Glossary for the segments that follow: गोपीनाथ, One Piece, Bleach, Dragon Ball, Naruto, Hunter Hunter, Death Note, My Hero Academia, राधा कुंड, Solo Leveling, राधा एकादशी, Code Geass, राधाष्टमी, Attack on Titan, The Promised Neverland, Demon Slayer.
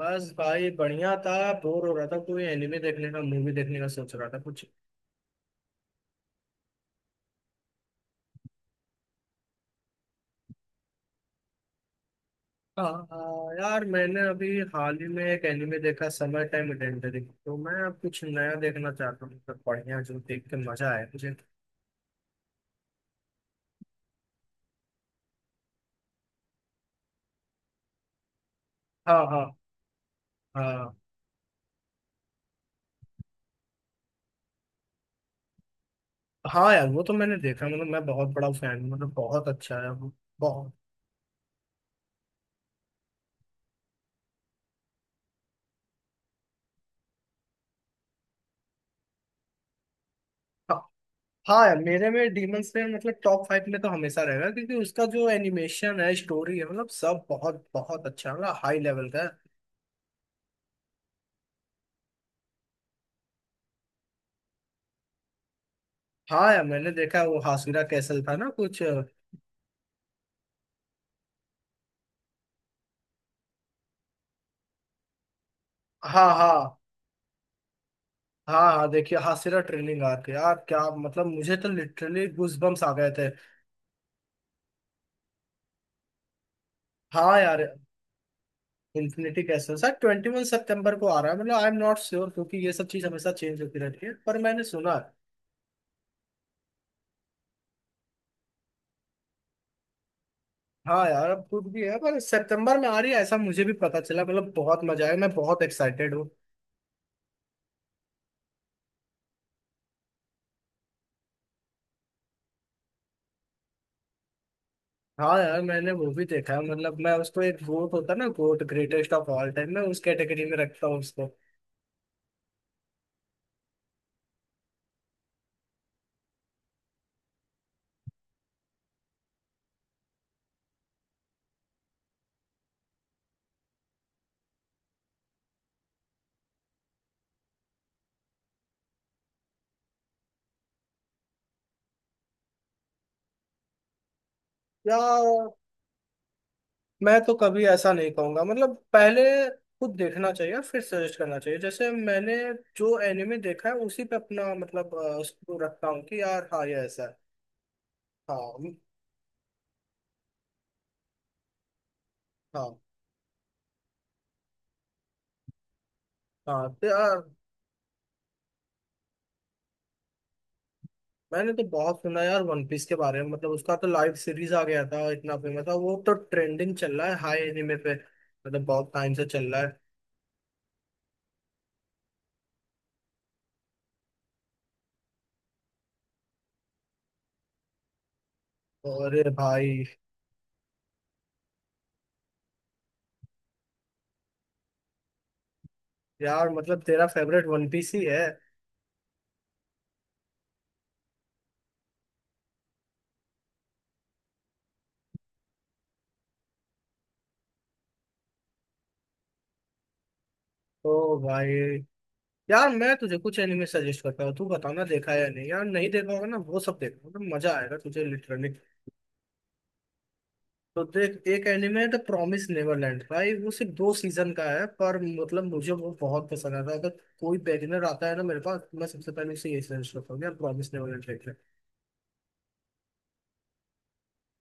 बस भाई बढ़िया था। बोर हो रहा था, कोई एनिमे देखने का मूवी देखने का सोच रहा था कुछ। आ, यार मैंने अभी हाल ही में एक एनिमे देखा, समय टाइम इडेंटिटी। तो मैं अब कुछ नया देखना चाहता हूँ, मतलब बढ़िया जो देख के मजा आए मुझे। हाँ हाँ। हाँ हाँ, यार वो तो मैंने देखा, मतलब मैं बहुत बड़ा फैन हूँ, मतलब बहुत अच्छा है वो। बहुत। हाँ। हाँ यार, मेरे में डीमन स्लेयर मतलब टॉप फाइव में तो हमेशा रहेगा, क्योंकि उसका जो एनिमेशन है, स्टोरी है, मतलब सब बहुत बहुत अच्छा है, मतलब हाई लेवल का है। हाँ यार, मैंने देखा वो हासिरा कैसल था ना कुछ। हाँ हाँ। हाँ हाँ, देखिए हासिरा ट्रेनिंग आर्क यार क्या, मतलब मुझे तो लिटरली गूजबम्स आ गए थे। हाँ यार। इन्फिनिटी कैसल सर 21 सितंबर को आ रहा है, मतलब आई एम नॉट श्योर, क्योंकि ये सब चीज हमेशा चेंज होती रहती है, पर मैंने सुना है। हाँ यार, अब कुछ भी है, पर सितंबर में आ रही है ऐसा मुझे भी पता चला, मतलब बहुत मजा आया, मैं बहुत एक्साइटेड हूँ। हाँ यार, मैंने वो भी देखा है, मतलब मैं उसको, एक गोट होता है ना, goat greatest of all time, मैं उस कैटेगरी में रखता हूँ उसको। यार, मैं तो कभी ऐसा नहीं कहूंगा, मतलब पहले खुद देखना चाहिए और फिर सजेस्ट करना चाहिए। जैसे मैंने जो एनिमे देखा है उसी पे अपना मतलब उसको रखता हूँ कि यार हाँ ये ऐसा है। हाँ हम्म। हाँ हाँ, तो यार मैंने तो बहुत सुना यार वन पीस के बारे में, मतलब उसका तो लाइव सीरीज आ गया था, इतना फेमस था, वो तो ट्रेंडिंग चल रहा है हाई एनिमे पे, मतलब बहुत टाइम से चल रहा है। और भाई। यार मतलब तेरा फेवरेट वन पीस ही है। ओ भाई, यार मैं तुझे कुछ एनिमे सजेस्ट करता हूँ, तू बताना देखा है या नहीं, यार नहीं देखा होगा ना, वो सब देखना मतलब मजा आएगा तुझे लिटरली। तो देख, एक एनिमे है द प्रॉमिस नेवरलैंड। भाई वो सिर्फ दो सीजन का है, पर मतलब मुझे वो बहुत पसंद आता है। अगर कोई बेगिनर आता है ना मेरे पास तो मैं सबसे पहले उसे यही सजेस्ट करता हूँ, यार प्रॉमिस नेवरलैंड देख ले।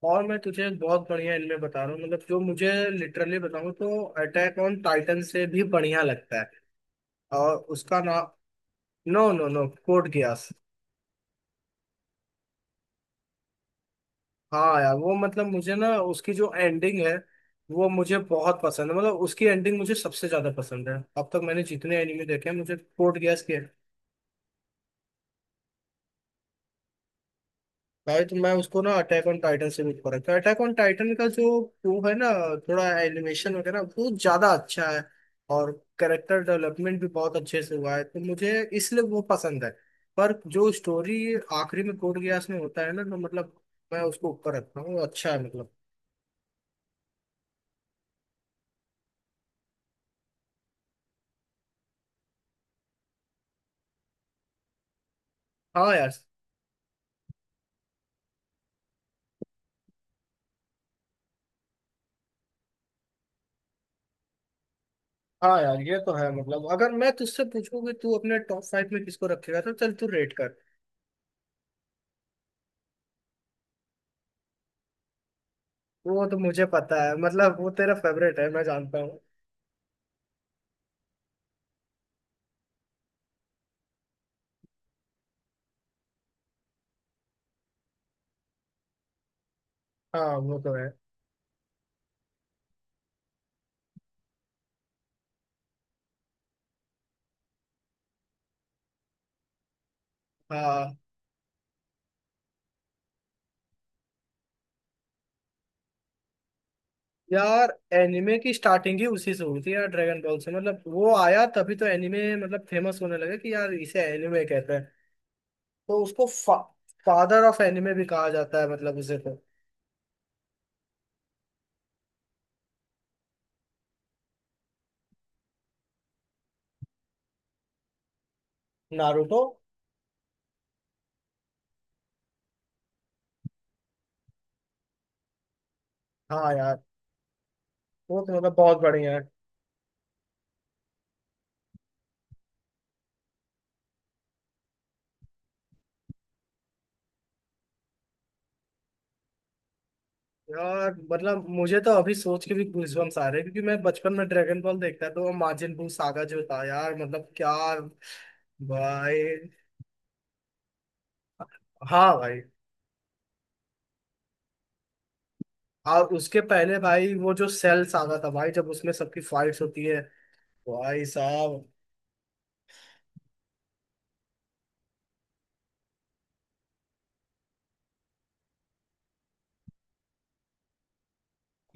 और मैं तुझे एक बहुत बढ़िया एनिमे बता रहा हूँ, मतलब जो मुझे लिटरली बताऊँ तो अटैक ऑन टाइटन से भी बढ़िया लगता है। और उसका नाम, no no no, code geass. हाँ यार वो, मतलब मुझे ना उसकी जो एंडिंग है वो मुझे बहुत पसंद है, मतलब उसकी एंडिंग मुझे सबसे ज्यादा पसंद है अब तक मैंने जितने एनिमे देखे हैं, मुझे कोड गेस किया है। भाई, तो मैं उसको ना अटैक ऑन टाइटन से भी ऊपर रखता हूँ। अटैक ऑन टाइटन का जो वो है ना, थोड़ा एनिमेशन वगैरह बहुत ज्यादा अच्छा है, और कैरेक्टर डेवलपमेंट भी बहुत अच्छे से हुआ है, तो मुझे इसलिए वो पसंद है। पर जो स्टोरी आखिरी में कोड गियास में होता है ना, तो मतलब मैं उसको ऊपर रखता हूँ, अच्छा है मतलब। हाँ यार। हाँ यार ये तो है, मतलब अगर मैं तुझसे पूछूं कि तू अपने टॉप फाइव में किसको रखेगा, तो चल तू रेट कर। वो तो मुझे पता है, मतलब वो तेरा फेवरेट है, मैं जानता हूँ। हाँ वो तो है। हाँ यार, एनिमे की स्टार्टिंग ही उसी से हुई थी यार, ड्रैगन बॉल से, मतलब वो आया तभी तो एनिमे मतलब फेमस होने लगा, कि यार इसे एनिमे कहते हैं। तो फादर ऑफ एनिमे भी कहा जाता है, मतलब उसे तो। नारुतो। हाँ यार, वो तो मतलब बहुत बढ़िया है। यार मतलब मुझे तो अभी सोच के भी गूजबम्स आ रहे हैं, क्योंकि मैं बचपन में ड्रैगन बॉल देखता था, तो वो मार्जिन बू सागा जो था यार, मतलब क्या। भाई। हाँ भाई। और उसके पहले भाई, वो जो सेल सागा था भाई, जब उसमें सबकी फाइट्स होती है। भाई साहब।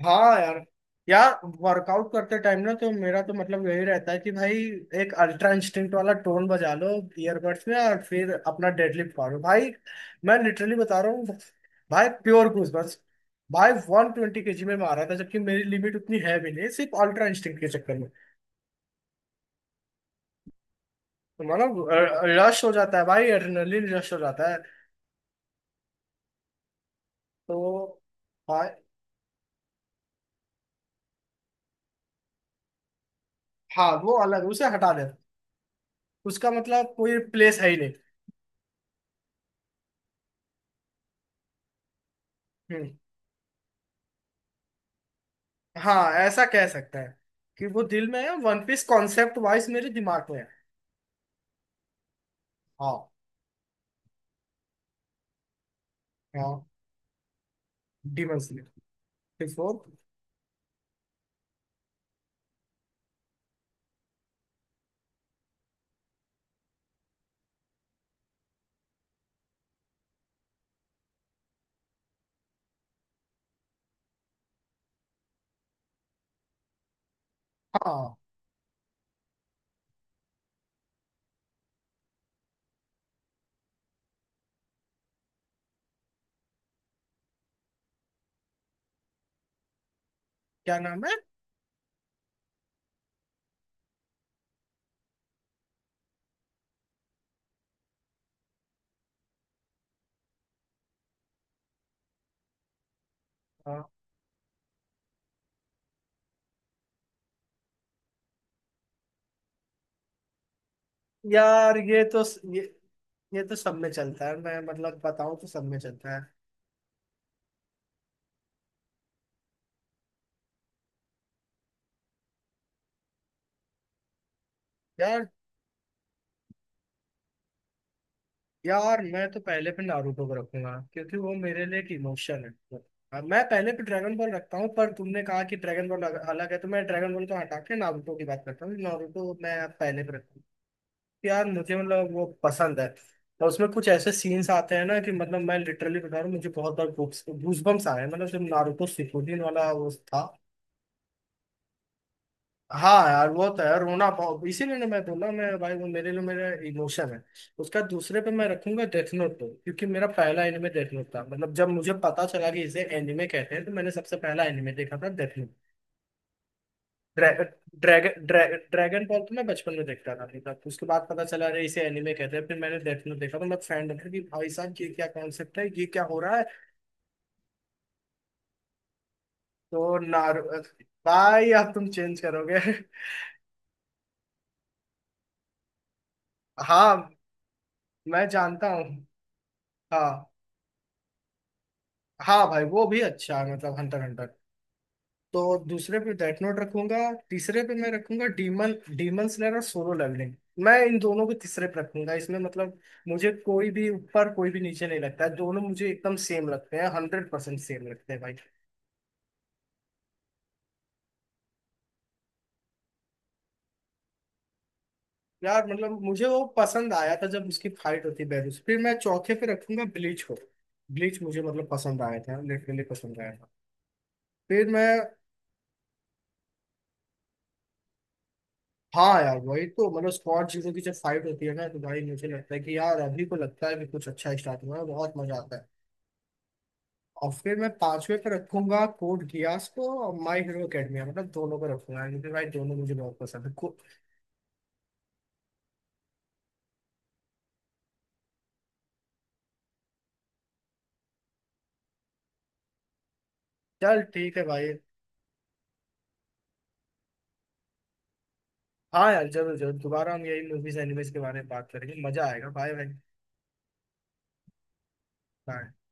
हाँ यार। यार वर्कआउट करते टाइम ना, तो मेरा तो मतलब यही रहता है कि भाई एक अल्ट्रा इंस्टिंक्ट वाला टोन बजा लो ईयरबड्स में, और फिर अपना डेडलिफ्ट मारो भाई। मैं लिटरली बता रहा हूँ। भाई प्योर गूज बस। भाई 120 केजी में मारा था, जबकि मेरी लिमिट उतनी है भी नहीं, सिर्फ अल्ट्रा इंस्टिंक्ट के चक्कर में। तो मानो रश हो जाता है भाई, एड्रेनलिन रश हो जाता है। तो भाई। हाँ वो अलग, उसे हटा दे। उसका मतलब कोई प्लेस है ही नहीं। हम्म। हाँ ऐसा कह सकता है कि वो दिल में है, वन पीस कॉन्सेप्ट वाइज मेरे दिमाग में है। हाँ। हाँ, डीमन स्लेयर बिफोर। हाँ। क्या नाम है। हाँ। यार ये तो, ये ये तो सब में चलता है, मैं मतलब बताऊं तो सब में चलता है। यार। यार मैं तो पहले पे नारुतो को रखूंगा, क्योंकि वो मेरे लिए एक इमोशन है। हाँ, मैं पहले पे ड्रैगन बॉल रखता हूँ, पर तुमने कहा कि ड्रैगन बॉल अलग है, तो मैं ड्रैगन बॉल को हटा के नारुतो की बात करता हूँ, नारुतो मैं पहले पे रखता हूँ। यार मुझे मतलब वो पसंद है। और उसमें कुछ ऐसे सीन्स आते हैं ना, कि मतलब मैं लिटरली बता रहा हूँ, मुझे बहुत बार गूस बम्स आए हैं। मतलब जब नारुतो शिपुडिन वाला वो था। हाँ यार, वो तो है, रोना बहुत, इसीलिए ना मैं बोला, मैं भाई वो मेरे लिए मेरा इमोशन है। उसका दूसरे पे मैं रखूंगा डेथ नोट पे, क्योंकि मेरा पहला एनिमे डेथ नोट था, मतलब जब मुझे पता चला कि इसे एनिमे कहते हैं, तो मैंने सबसे पहला एनिमे देखा था डेथ। ड्रै, ड्रैगन ड्रै, ड्रैगन बॉल तो मैं बचपन में देखता था, देखा, उसके बाद पता चला अरे इसे एनिमे कहते हैं, फिर मैंने डेथ नोट देखा, तो मैं फैन था कि भाई साहब ये क्या कॉन्सेप्ट है, ये क्या हो रहा है। तो नार भाई अब तुम चेंज करोगे। हाँ, मैं जानता हूँ। हाँ। हाँ भाई वो भी अच्छा है, मतलब हंटर हंटर। तो दूसरे पे डेथ नोट रखूंगा। तीसरे पे मैं रखूंगा डीमन डीमन स्लेयर और सोलो लेवलिंग। मैं इन दोनों को तीसरे पे रखूंगा, इसमें मतलब मुझे कोई भी ऊपर कोई भी नीचे नहीं लगता है, दोनों मुझे एकदम सेम लगते हैं, 100% सेम लगते हैं भाई। यार मतलब मुझे वो पसंद आया था, जब उसकी फाइट होती बैरूस। फिर मैं चौथे पे रखूंगा ब्लीच को। ब्लीच मुझे मतलब पसंद आया था, लिटरली पसंद आया था। फिर मैं। हाँ यार वही तो, मतलब स्क्वाड जीरो की जब फाइट होती है ना, तो भाई मुझे लगता है कि यार अभी को लगता है कि कुछ अच्छा स्टार्ट हुआ है, बहुत मजा आता है। और फिर मैं पांचवे पे रखूंगा कोड गियास को और माई हीरो एकेडमिया, मतलब दोनों पे रखूंगा, क्योंकि भाई दोनों मुझे बहुत पसंद है। चल ठीक है भाई। हाँ यार, जरूर जरूर, दोबारा हम यही मूवीज एनिमेज के बारे में बात करेंगे, मजा आएगा, बाय भाई। बाय।